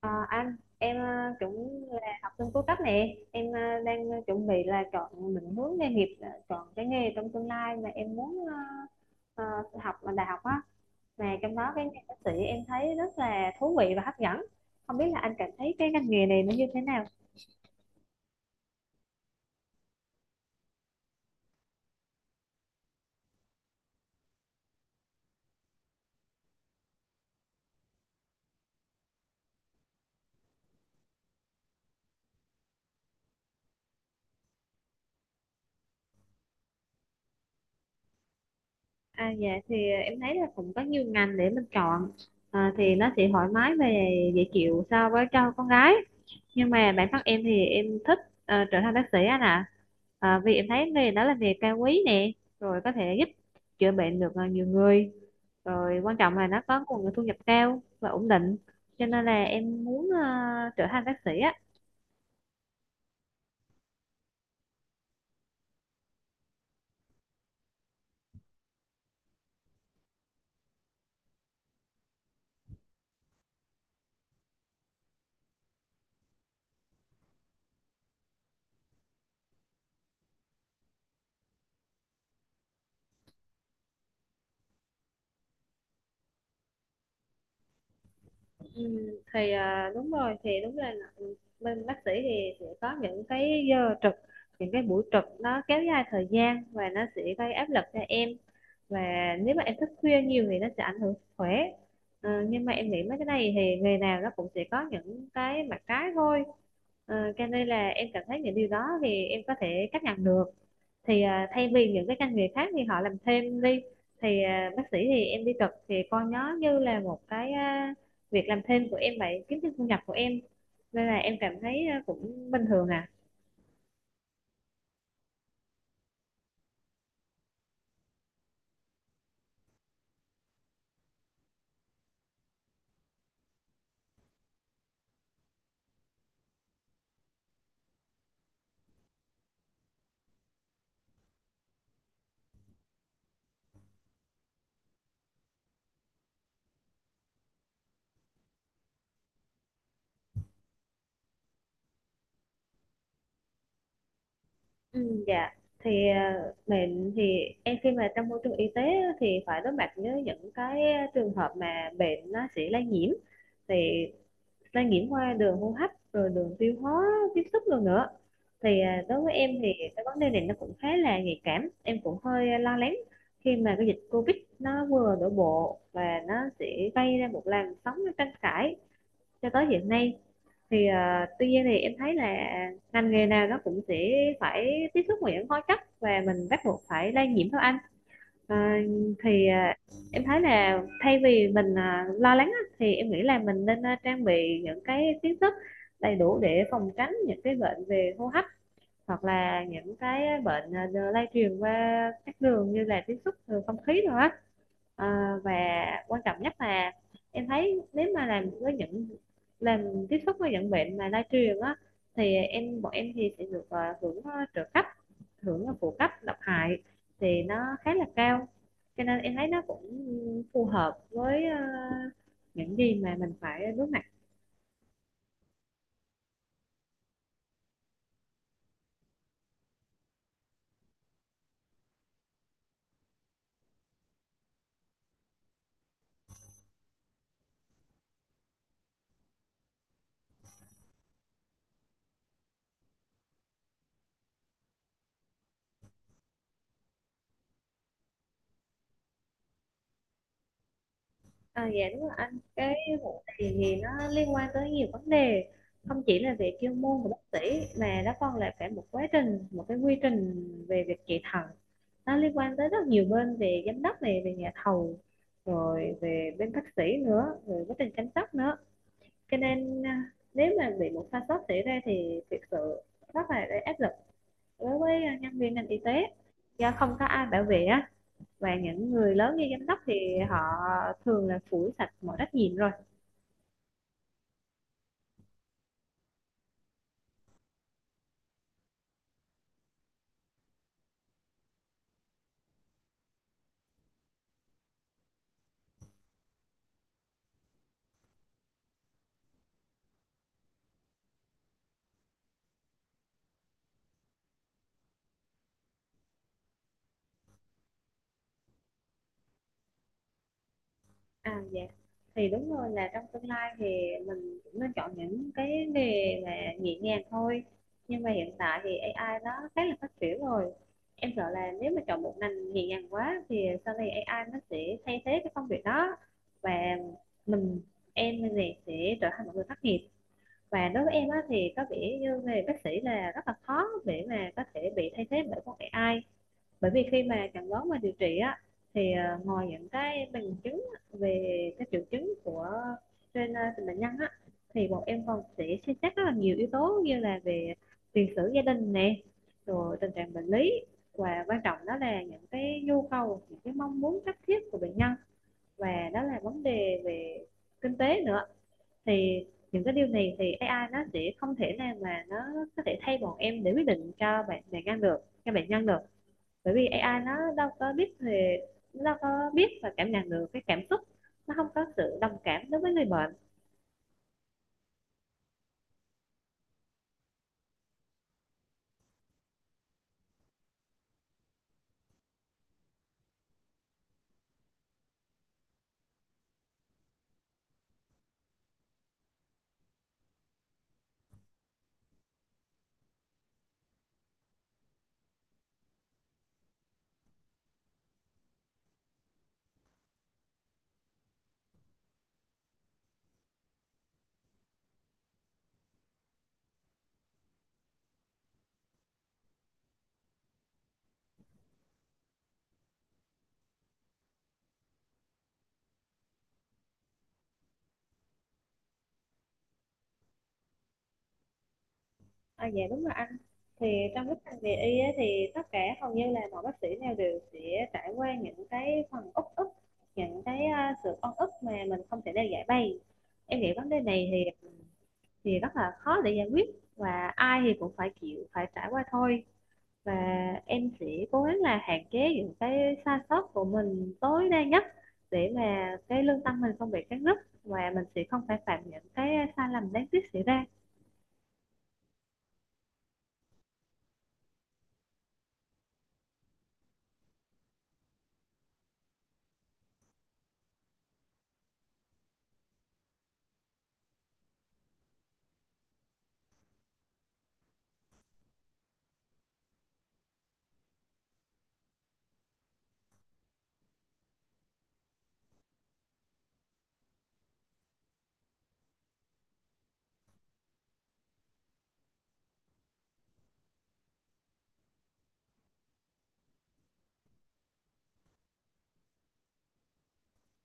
Ờ, anh em cũng là học sinh cuối cấp nè em đang chuẩn bị là chọn định hướng nghề nghiệp, là chọn cái nghề trong tương lai mà em muốn ờ, học ở đại học á, mà trong đó cái nghề bác sĩ em thấy rất là thú vị và hấp dẫn. Không biết là anh cảm thấy cái ngành nghề này nó như thế nào? Dạ, thì em thấy là cũng có nhiều ngành để mình chọn. Thì nó sẽ thoải mái và dễ chịu so với cho con gái, nhưng mà bản thân em thì em thích trở thành bác sĩ anh ạ. Vì em thấy nghề đó là nghề cao quý nè, rồi có thể giúp chữa bệnh được nhiều người, rồi quan trọng là nó có nguồn thu nhập cao và ổn định, cho nên là em muốn trở thành bác sĩ á. ừ, thì đúng rồi, thì đúng là, bên bác sĩ thì sẽ có những cái giờ trực, những cái buổi trực nó kéo dài thời gian và nó sẽ gây áp lực cho em, và nếu mà em thức khuya nhiều thì nó sẽ ảnh hưởng sức khỏe. Nhưng mà em nghĩ mấy cái này thì nghề nào nó cũng sẽ có những cái mặt trái thôi. Cho nên là em cảm thấy những điều đó thì em có thể chấp nhận được. Thì thay vì những cái ngành nghề khác thì họ làm thêm đi, thì bác sĩ thì em đi trực thì coi nó như là một cái, việc làm thêm của em vậy, kiếm thêm thu nhập của em, nên là em cảm thấy cũng bình thường ạ. Ừ, dạ. Thì mình thì em khi mà trong môi trường y tế á, thì phải đối mặt với những cái trường hợp mà bệnh nó sẽ lây nhiễm, thì lây nhiễm qua đường hô hấp rồi đường tiêu hóa tiếp xúc rồi nữa. Thì đối với em thì cái vấn đề này nó cũng khá là nhạy cảm, em cũng hơi lo lắng khi mà cái dịch Covid nó vừa đổ bộ và nó sẽ gây ra một làn sóng tranh cãi cho tới hiện nay. Thì tuy nhiên thì em thấy là ngành nghề nào nó cũng sẽ phải tiếp xúc với những hóa chất và mình bắt buộc phải lây nhiễm thôi anh. Ờ, thì em thấy là thay vì mình lo lắng á, thì em nghĩ là mình nên trang bị những cái kiến thức đầy đủ để phòng tránh những cái bệnh về hô hấp, hoặc là những cái bệnh lây truyền qua các đường như là tiếp xúc từ không khí rồi á. Và quan trọng nhất là em thấy nếu mà làm tiếp xúc với những bệnh mà lây truyền á, thì bọn em thì sẽ được hưởng trợ cấp, hưởng phụ cấp độc hại, thì nó khá là cao, cho nên em thấy nó cũng phù hợp với những gì mà mình phải đối mặt. À, dạ đúng rồi anh. Cái vụ này thì nó liên quan tới nhiều vấn đề, không chỉ là về chuyên môn của bác sĩ mà nó còn là cả một quá trình, một cái quy trình về việc trị thận. Nó liên quan tới rất nhiều bên, về giám đốc này, về nhà thầu, rồi về bên bác sĩ nữa, rồi quá trình chăm sóc nữa. Cho nên nếu mà bị một sai sót xảy ra thì thực sự rất là gây áp lực đối với nhân viên ngành y tế, do không có ai bảo vệ á. Và những người lớn như giám đốc thì họ thường là phủi sạch mọi trách nhiệm rồi. À dạ, thì đúng rồi, là trong tương lai thì mình cũng nên chọn những cái nghề mà nhẹ nhàng thôi. Nhưng mà hiện tại thì AI nó khá là phát triển rồi, em sợ là nếu mà chọn một ngành nhẹ nhàng quá thì sau này AI nó sẽ thay thế cái công việc đó. Và mình, em này sẽ trở thành một người thất nghiệp. Và đối với em á, thì có vẻ như nghề bác sĩ là rất là khó để mà có thể bị thay thế bởi con AI, bởi vì khi mà chẩn đoán và điều trị á, thì ngoài những cái bằng chứng về các triệu chứng của trên bệnh nhân á, thì bọn em còn sẽ xem xét rất là nhiều yếu tố, như là về tiền sử gia đình nè, rồi tình trạng bệnh lý, và quan trọng đó là những cái nhu cầu, những cái mong muốn cấp thiết của bệnh nhân, và đó là vấn đề về kinh tế nữa. Thì những cái điều này thì AI nó sẽ không thể nào mà nó có thể thay bọn em để quyết định cho bệnh nhân được. Bởi vì AI nó đâu có biết về, nó có biết và cảm nhận được cái cảm xúc, nó không có sự đồng cảm đối với người bệnh. Dạ đúng rồi anh. Thì trong cái ngành nghề y á, thì tất cả hầu như là mọi bác sĩ nào đều sẽ trải qua những cái phần uất ức, những cái sự oan ức mà mình không thể nào giải bày. Em nghĩ vấn đề này thì rất là khó để giải quyết, và ai thì cũng phải chịu phải trải qua thôi. Và em sẽ cố gắng là hạn chế những cái sai sót của mình tối đa nhất, để mà cái lương tâm mình không bị cắt rứt, và mình sẽ không phải phạm những cái sai lầm đáng tiếc xảy ra.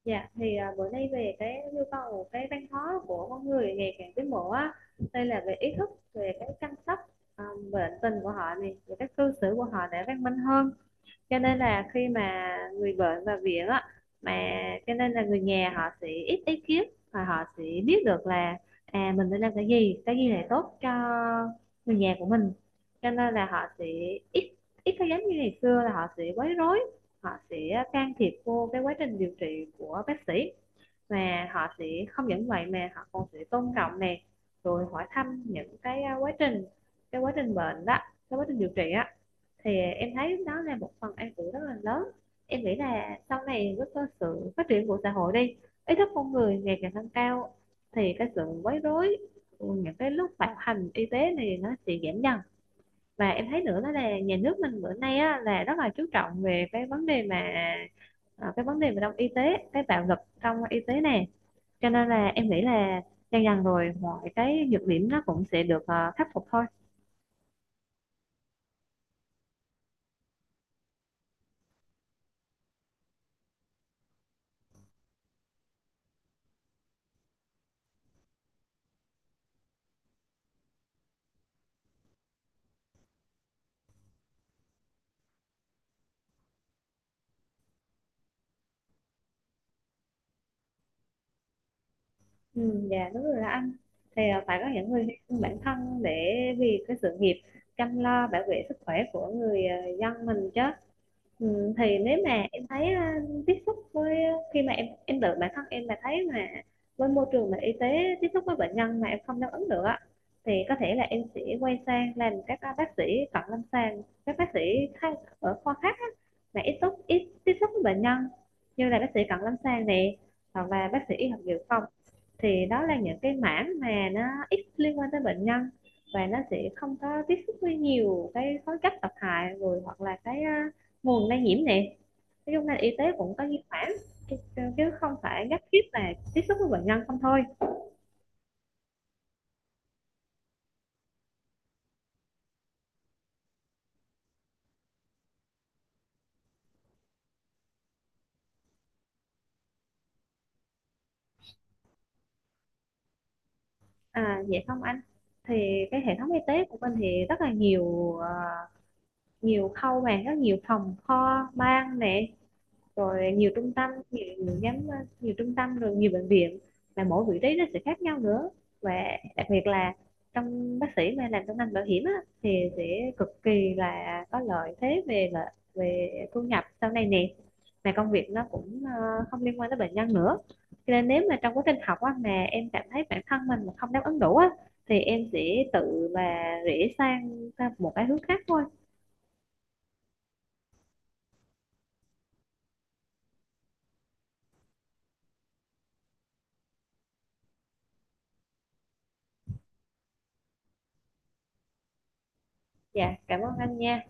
Dạ, thì bữa nay về cái nhu cầu, cái văn hóa của con người ngày càng tiến bộ á, đây là về ý thức, về cái chăm sóc à, bệnh tình của họ này, về các cư xử của họ để văn minh hơn. Cho nên là khi mà người bệnh vào viện á, mà cho nên là người nhà họ sẽ ít ý kiến, và họ sẽ biết được là, à mình nên làm cái gì, cái gì là tốt cho người nhà của mình. Cho nên là họ sẽ ít, ít có giống như ngày xưa là họ sẽ quấy rối, họ sẽ can thiệp vô cái quá trình điều trị của bác sĩ. Và họ sẽ, không những vậy mà họ còn sẽ tôn trọng nè, rồi hỏi thăm những cái quá trình, cái quá trình bệnh đó, cái quá trình điều trị á. Thì em thấy đó là một phần an ủi rất là lớn. Em nghĩ là sau này với cái sự phát triển của xã hội đi, ý thức con người ngày càng tăng cao, thì cái sự quấy rối, những cái lúc bạo hành y tế này nó sẽ giảm dần. Và em thấy nữa đó là nhà nước mình bữa nay á, là rất là chú trọng về cái vấn đề mà cái vấn đề về trong y tế, cái bạo lực trong y tế này. Cho nên là em nghĩ là dần dần rồi mọi cái nhược điểm nó cũng sẽ được khắc phục thôi. Ừ, dạ đúng rồi đó anh. Thì phải có những người hy sinh bản thân để vì cái sự nghiệp chăm lo bảo vệ sức khỏe của người dân mình chứ. Ừ, thì nếu mà em thấy tiếp xúc với khi mà em tự bản thân em mà thấy mà với môi trường mà y tế tiếp xúc với bệnh nhân mà em không đáp ứng được á, thì có thể là em sẽ quay sang làm các bác sĩ cận lâm sàng, các bác sĩ khác ở khoa khác á, mà ít tiếp xúc với bệnh nhân, như là bác sĩ cận lâm sàng này, hoặc là bác sĩ y học dự phòng. Thì đó là những cái mảng mà nó ít liên quan tới bệnh nhân, và nó sẽ không có tiếp xúc với nhiều cái khối chất độc hại rồi, hoặc là cái nguồn lây nhiễm nè. Nói chung là y tế cũng có di khoản, chứ không phải nhất thiết là tiếp xúc với bệnh nhân không thôi. Vậy không anh. Thì cái hệ thống y tế của mình thì rất là nhiều nhiều khâu, mà rất nhiều phòng kho ban nè, rồi nhiều trung tâm, nhiều nhóm, nhiều trung tâm, rồi nhiều bệnh viện, mà mỗi vị trí nó sẽ khác nhau nữa. Và đặc biệt là trong bác sĩ mà làm trong ngành bảo hiểm á, thì sẽ cực kỳ là có lợi thế về là về thu nhập sau này nè, mà công việc nó cũng không liên quan tới bệnh nhân nữa. Cho nên nếu mà trong quá trình học á, mà em cảm thấy bản thân mình mà không đáp ứng đủ á, thì em sẽ tự mà rẽ sang sang một cái hướng khác thôi. Dạ, cảm ơn anh nha.